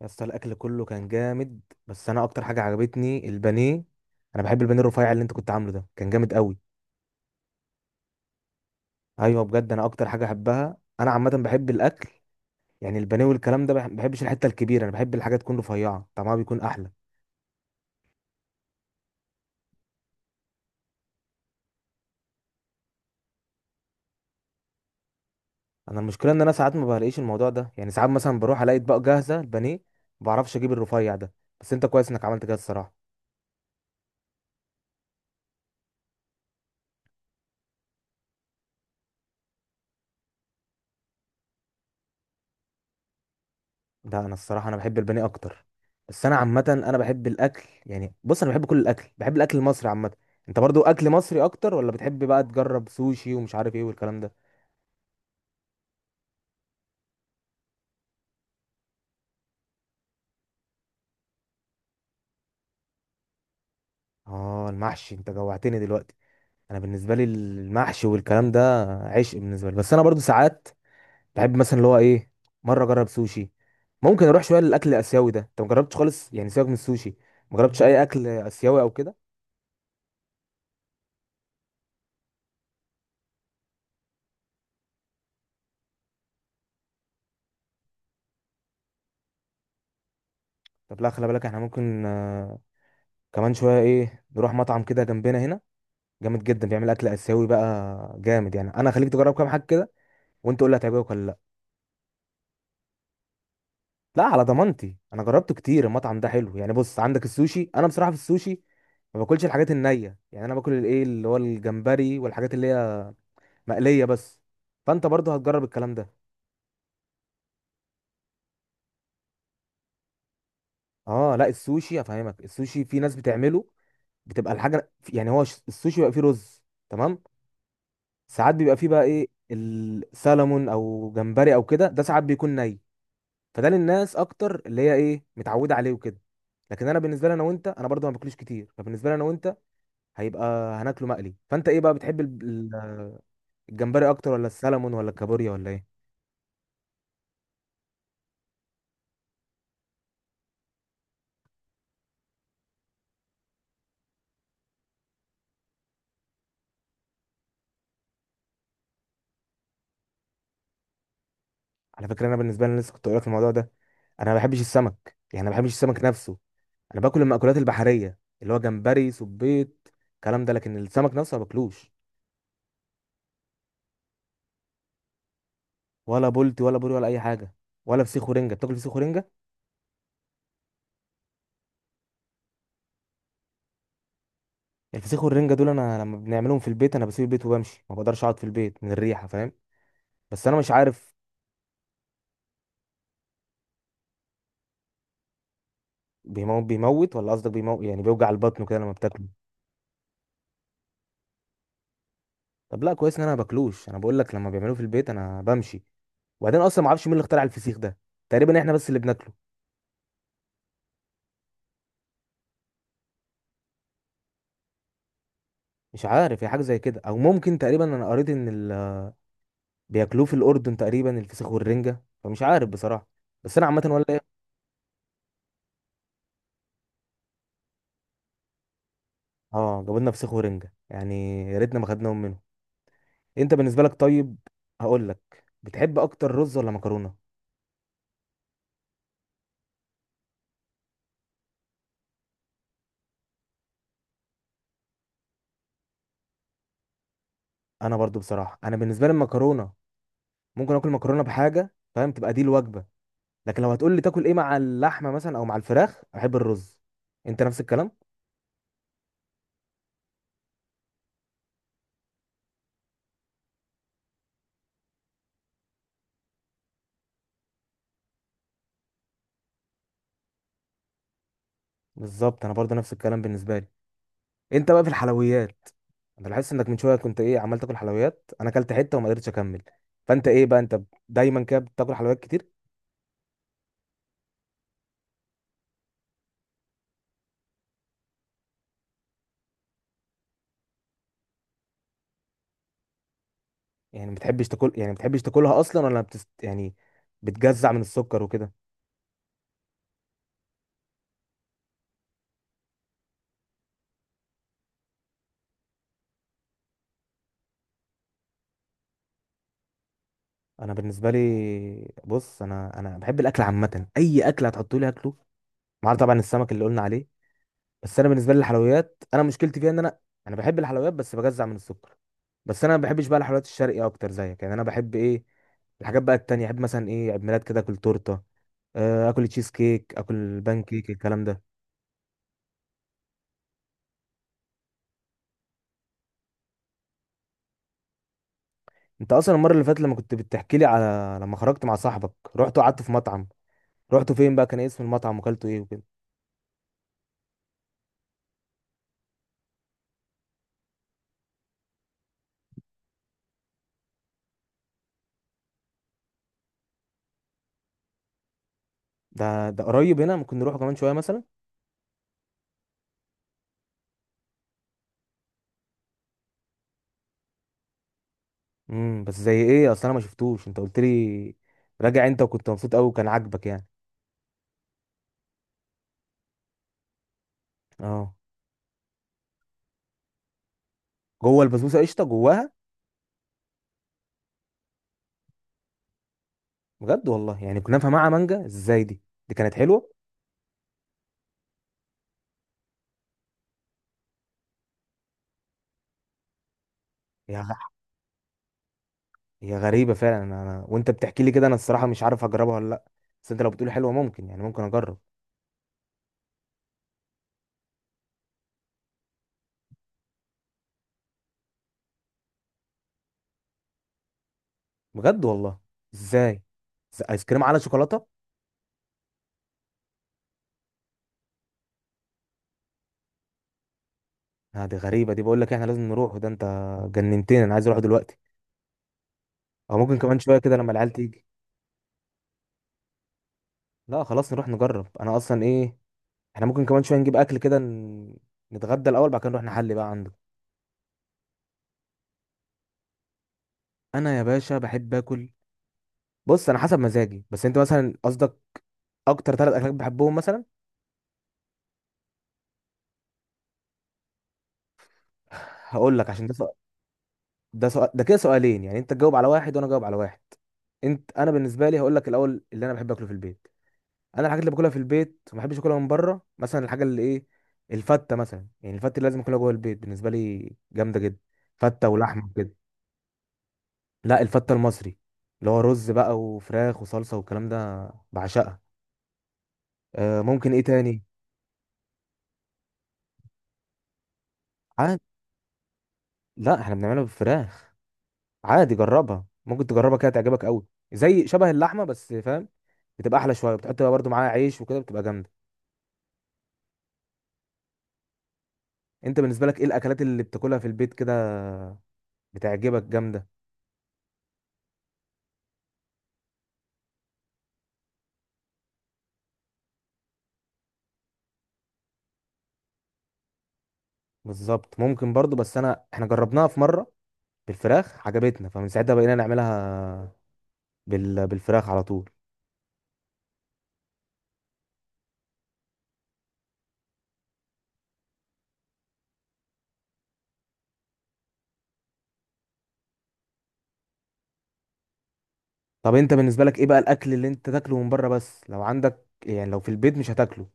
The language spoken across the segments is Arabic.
يا اسطى، الاكل كله كان جامد. بس انا اكتر حاجه عجبتني البانيه. انا بحب البانيه الرفيع اللي انت كنت عامله، ده كان جامد قوي. ايوه، بجد انا اكتر حاجه احبها. انا عامه بحب الاكل، يعني البانيه والكلام ده. بحبش الحته الكبيره، انا بحب الحاجه تكون رفيعه، طعمها بيكون احلى. انا المشكله ان انا ساعات ما بلاقيش الموضوع ده، يعني ساعات مثلا بروح الاقي اطباق جاهزه البانيه ما بعرفش اجيب الرفيع ده. بس انت كويس انك عملت كده الصراحه. ده انا الصراحه انا بحب البانيه اكتر. بس انا عامه انا بحب الاكل، يعني بص انا بحب كل الاكل، بحب الاكل المصري عامه. انت برضو اكل مصري اكتر، ولا بتحب بقى تجرب سوشي ومش عارف ايه والكلام ده؟ اه، المحشي انت جوعتني دلوقتي. انا بالنسبه لي المحشي والكلام ده عشق بالنسبه لي. بس انا برضو ساعات بحب مثلا اللي هو ايه، مره اجرب سوشي. ممكن اروح شويه للاكل الاسيوي ده، انت ما جربتش خالص؟ يعني سيبك من السوشي، ما جربتش اي اكل اسيوي او كده؟ طب لا، خلي بالك احنا ممكن كمان شويه ايه، نروح مطعم كده جنبنا هنا، جامد جدا، بيعمل اكل اسيوي بقى جامد، يعني انا هخليك تجرب كام حاجه كده وانت قول لي هتعجبك ولا لا. لا، على ضمانتي انا جربته كتير، المطعم ده حلو. يعني بص، عندك السوشي، انا بصراحه في السوشي ما باكلش الحاجات النيه، يعني انا باكل الايه اللي هو الجمبري والحاجات اللي هي مقليه بس. فانت برضه هتجرب الكلام ده. اه لا، السوشي افهمك، السوشي في ناس بتعمله بتبقى الحاجه، يعني هو السوشي بيبقى فيه رز، تمام؟ ساعات بيبقى فيه بقى ايه، السلمون او جمبري او كده، ده ساعات بيكون ني. فده للناس اكتر اللي هي ايه، متعوده عليه وكده. لكن انا بالنسبه لي انا وانت، انا برضو ما باكلوش كتير، فبالنسبه لي انا وانت هيبقى هناكله مقلي. فانت ايه بقى، بتحب الجمبري اكتر، ولا السلمون، ولا الكابوريا، ولا ايه؟ على فكره، انا بالنسبه لي أنا لسه كنت اقول لك الموضوع ده. انا ما بحبش السمك، يعني ما بحبش السمك نفسه. انا باكل المأكولات البحريه، اللي هو جمبري، صبيط، الكلام ده. لكن السمك نفسه ما باكلوش. ولا بولتي ولا بوري ولا اي حاجه. ولا فسيخ ورنجه؟ بتاكل فسيخ ورنجه؟ الفسيخ والرنجه دول، انا لما بنعملهم في البيت انا بسيب البيت وبمشي، ما بقدرش اقعد في البيت من الريحه، فاهم؟ بس انا مش عارف. بيموت، بيموت ولا قصدك بيموت يعني بيوجع البطن كده لما بتاكله؟ طب لا، كويس ان انا ما باكلوش. انا بقول لك لما بيعملوه في البيت انا بمشي. وبعدين اصلا ما اعرفش مين اللي اخترع الفسيخ ده، تقريبا احنا بس اللي بناكله. مش عارف، هي حاجه زي كده، او ممكن تقريبا انا قريت ان بياكلوه في الاردن تقريبا، الفسيخ والرنجه، فمش عارف بصراحه. بس انا عامه، ولا ايه. اه، جابوا لنا فسيخ ورنجه يعني، يا ريتنا ما خدناهم منهم. انت بالنسبه لك طيب، هقول لك، بتحب اكتر رز ولا مكرونه؟ انا برضو بصراحه، انا بالنسبه لي المكرونه ممكن اكل مكرونه بحاجه، فاهم، تبقى دي الوجبه. لكن لو هتقول لي تاكل ايه مع اللحمه مثلا او مع الفراخ، احب الرز. انت نفس الكلام؟ بالظبط، انا برضه نفس الكلام بالنسبه لي. انت بقى في الحلويات، انا لاحظت انك من شويه كنت ايه عمال تاكل حلويات، انا اكلت حته وما قدرتش اكمل. فانت ايه بقى انت، دايما كده بتاكل حلويات كتير؟ يعني ما بتحبش تاكل، يعني ما بتحبش تاكلها اصلا، ولا يعني بتجزع من السكر وكده؟ انا بالنسبه لي بص، انا بحب الاكل عامه، اي اكل هتحطولي اكله، ما عدا طبعا السمك اللي قلنا عليه. بس انا بالنسبه لي الحلويات، انا مشكلتي فيها ان انا بحب الحلويات بس بجزع من السكر. بس انا ما بحبش بقى الحلويات الشرقي اكتر زيك، يعني انا بحب ايه، الحاجات بقى التانية، احب مثلا ايه، عيد ميلاد كده اكل تورته، اكل تشيز كيك، اكل بان كيك، الكلام ده. انت اصلا المره اللي فاتت لما كنت بتحكي لي على لما خرجت مع صاحبك رحت وقعدت في مطعم، رحت فين بقى، كان إيه اسم المطعم وكلته ايه وكده؟ ده قريب هنا، ممكن نروحه كمان شويه مثلا. بس زي ايه اصلا، انا ما شفتوش، انت قلت لي، راجع انت وكنت مبسوط قوي وكان عاجبك يعني. اه، جوه البسبوسه قشطه جواها؟ بجد والله، يعني كنا نفهم مع مانجا ازاي دي، دي كانت حلوه. هي غ- هي غريبه فعلا. وانت بتحكي لي كده، انا الصراحه مش عارف اجربها ولا لا. بس انت لو بتقولي حلوه، ممكن يعني ممكن اجرب. بجد والله؟ ازاي؟ ايس كريم على شوكولاته؟ آه، دي غريبه، دي بقول لك احنا لازم نروح، وده انت جننتني، انا عايز اروح دلوقتي، او ممكن كمان شويه كده لما العيال تيجي. لا خلاص، نروح نجرب. انا اصلا ايه، احنا ممكن كمان شويه نجيب اكل كده، نتغدى الاول، بعد كده نروح نحلي بقى عنده. انا يا باشا بحب اكل، بص انا حسب مزاجي، بس انت مثلا قصدك اكتر 3 اكلات بحبهم مثلا. هقول لك، عشان ده سؤال، ده سؤال ده كده سؤالين، يعني انت تجاوب على واحد وانا اجاوب على واحد. انت، انا بالنسبه لي هقول لك الاول اللي انا بحب اكله في البيت. انا الحاجات اللي باكلها في البيت ما بحبش اكلها من بره، مثلا الحاجه اللي ايه، الفته مثلا، يعني الفته اللي لازم اكلها جوه البيت بالنسبه لي جامده جدا، فته ولحمه كده. لا، الفته المصري اللي هو رز بقى وفراخ وصلصه والكلام ده، بعشقها. آه، ممكن ايه تاني. عاد، لا احنا بنعملها بالفراخ، عادي جربها، ممكن تجربها كده تعجبك قوي، زي شبه اللحمه بس فاهم، بتبقى احلى شويه، بتحط بقى برضو معاها عيش وكده، بتبقى جامده. انت بالنسبه لك ايه الاكلات اللي بتاكلها في البيت كده بتعجبك جامده؟ بالظبط، ممكن برضو، بس انا احنا جربناها في مره بالفراخ عجبتنا، فمن ساعتها بقينا نعملها بالفراخ على طول. طب انت بالنسبه لك ايه بقى الاكل اللي انت تاكله من بره بس، لو عندك، يعني لو في البيت مش هتاكله،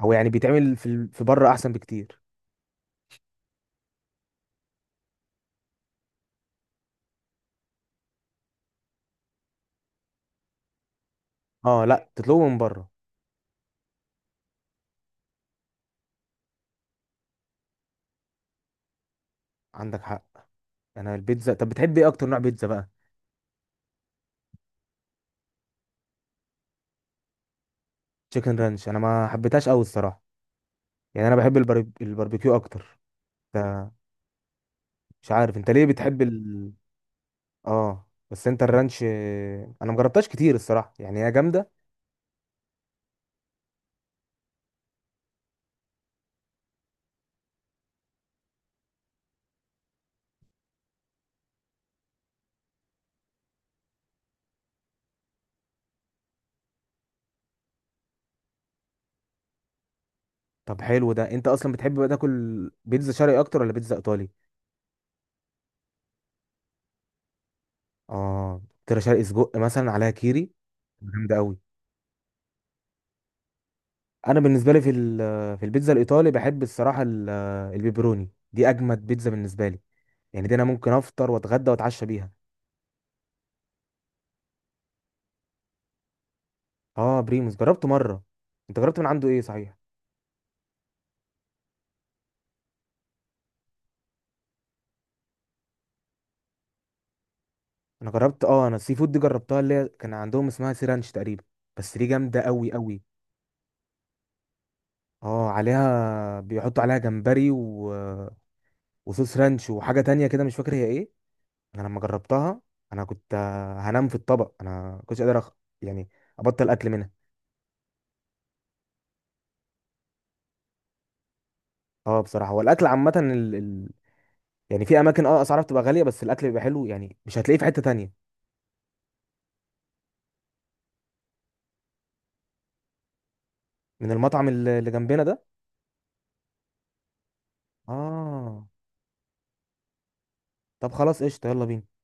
او يعني بيتعمل في بره احسن بكتير؟ اه لا، تطلبه من بره. عندك حق. انا البيتزا، طب بتحب ايه اكتر، نوع بيتزا بقى؟ تشيكن رانش؟ انا ما حبيتهاش قوي الصراحه، يعني انا بحب الباربيكيو اكتر. ف- مش عارف انت ليه بتحب اه بس انت الرانش انا مجربتهاش كتير الصراحه، يعني هي جامده. طب حلو، ده انت اصلا بتحب بقى تاكل بيتزا شرقي اكتر ولا بيتزا ايطالي؟ اه، ترى شرقي سجق مثلا عليها كيري، جامده قوي. انا بالنسبه لي في البيتزا الايطالي، بحب الصراحه البيبروني، دي اجمد بيتزا بالنسبه لي، يعني دي انا ممكن افطر واتغدى واتعشى بيها. اه، بريموس جربته مره. انت جربت من عنده ايه صحيح؟ انا جربت، انا السي فود دي جربتها، اللي هي كان عندهم اسمها سيرانش تقريبا، بس دي جامده قوي قوي. اه، عليها بيحطوا عليها جمبري وصوص رانش وحاجه تانية كده مش فاكر هي ايه. انا لما جربتها انا كنت هنام في الطبق، انا كنتش قادر يعني ابطل اكل منها. اه بصراحه، هو الاكل عامه يعني في اماكن اسعارها بتبقى غاليه، بس الاكل بيبقى حلو، يعني مش هتلاقيه في حته تانية. من المطعم اللي جنبنا ده؟ اه، طب خلاص قشطه، يلا بينا.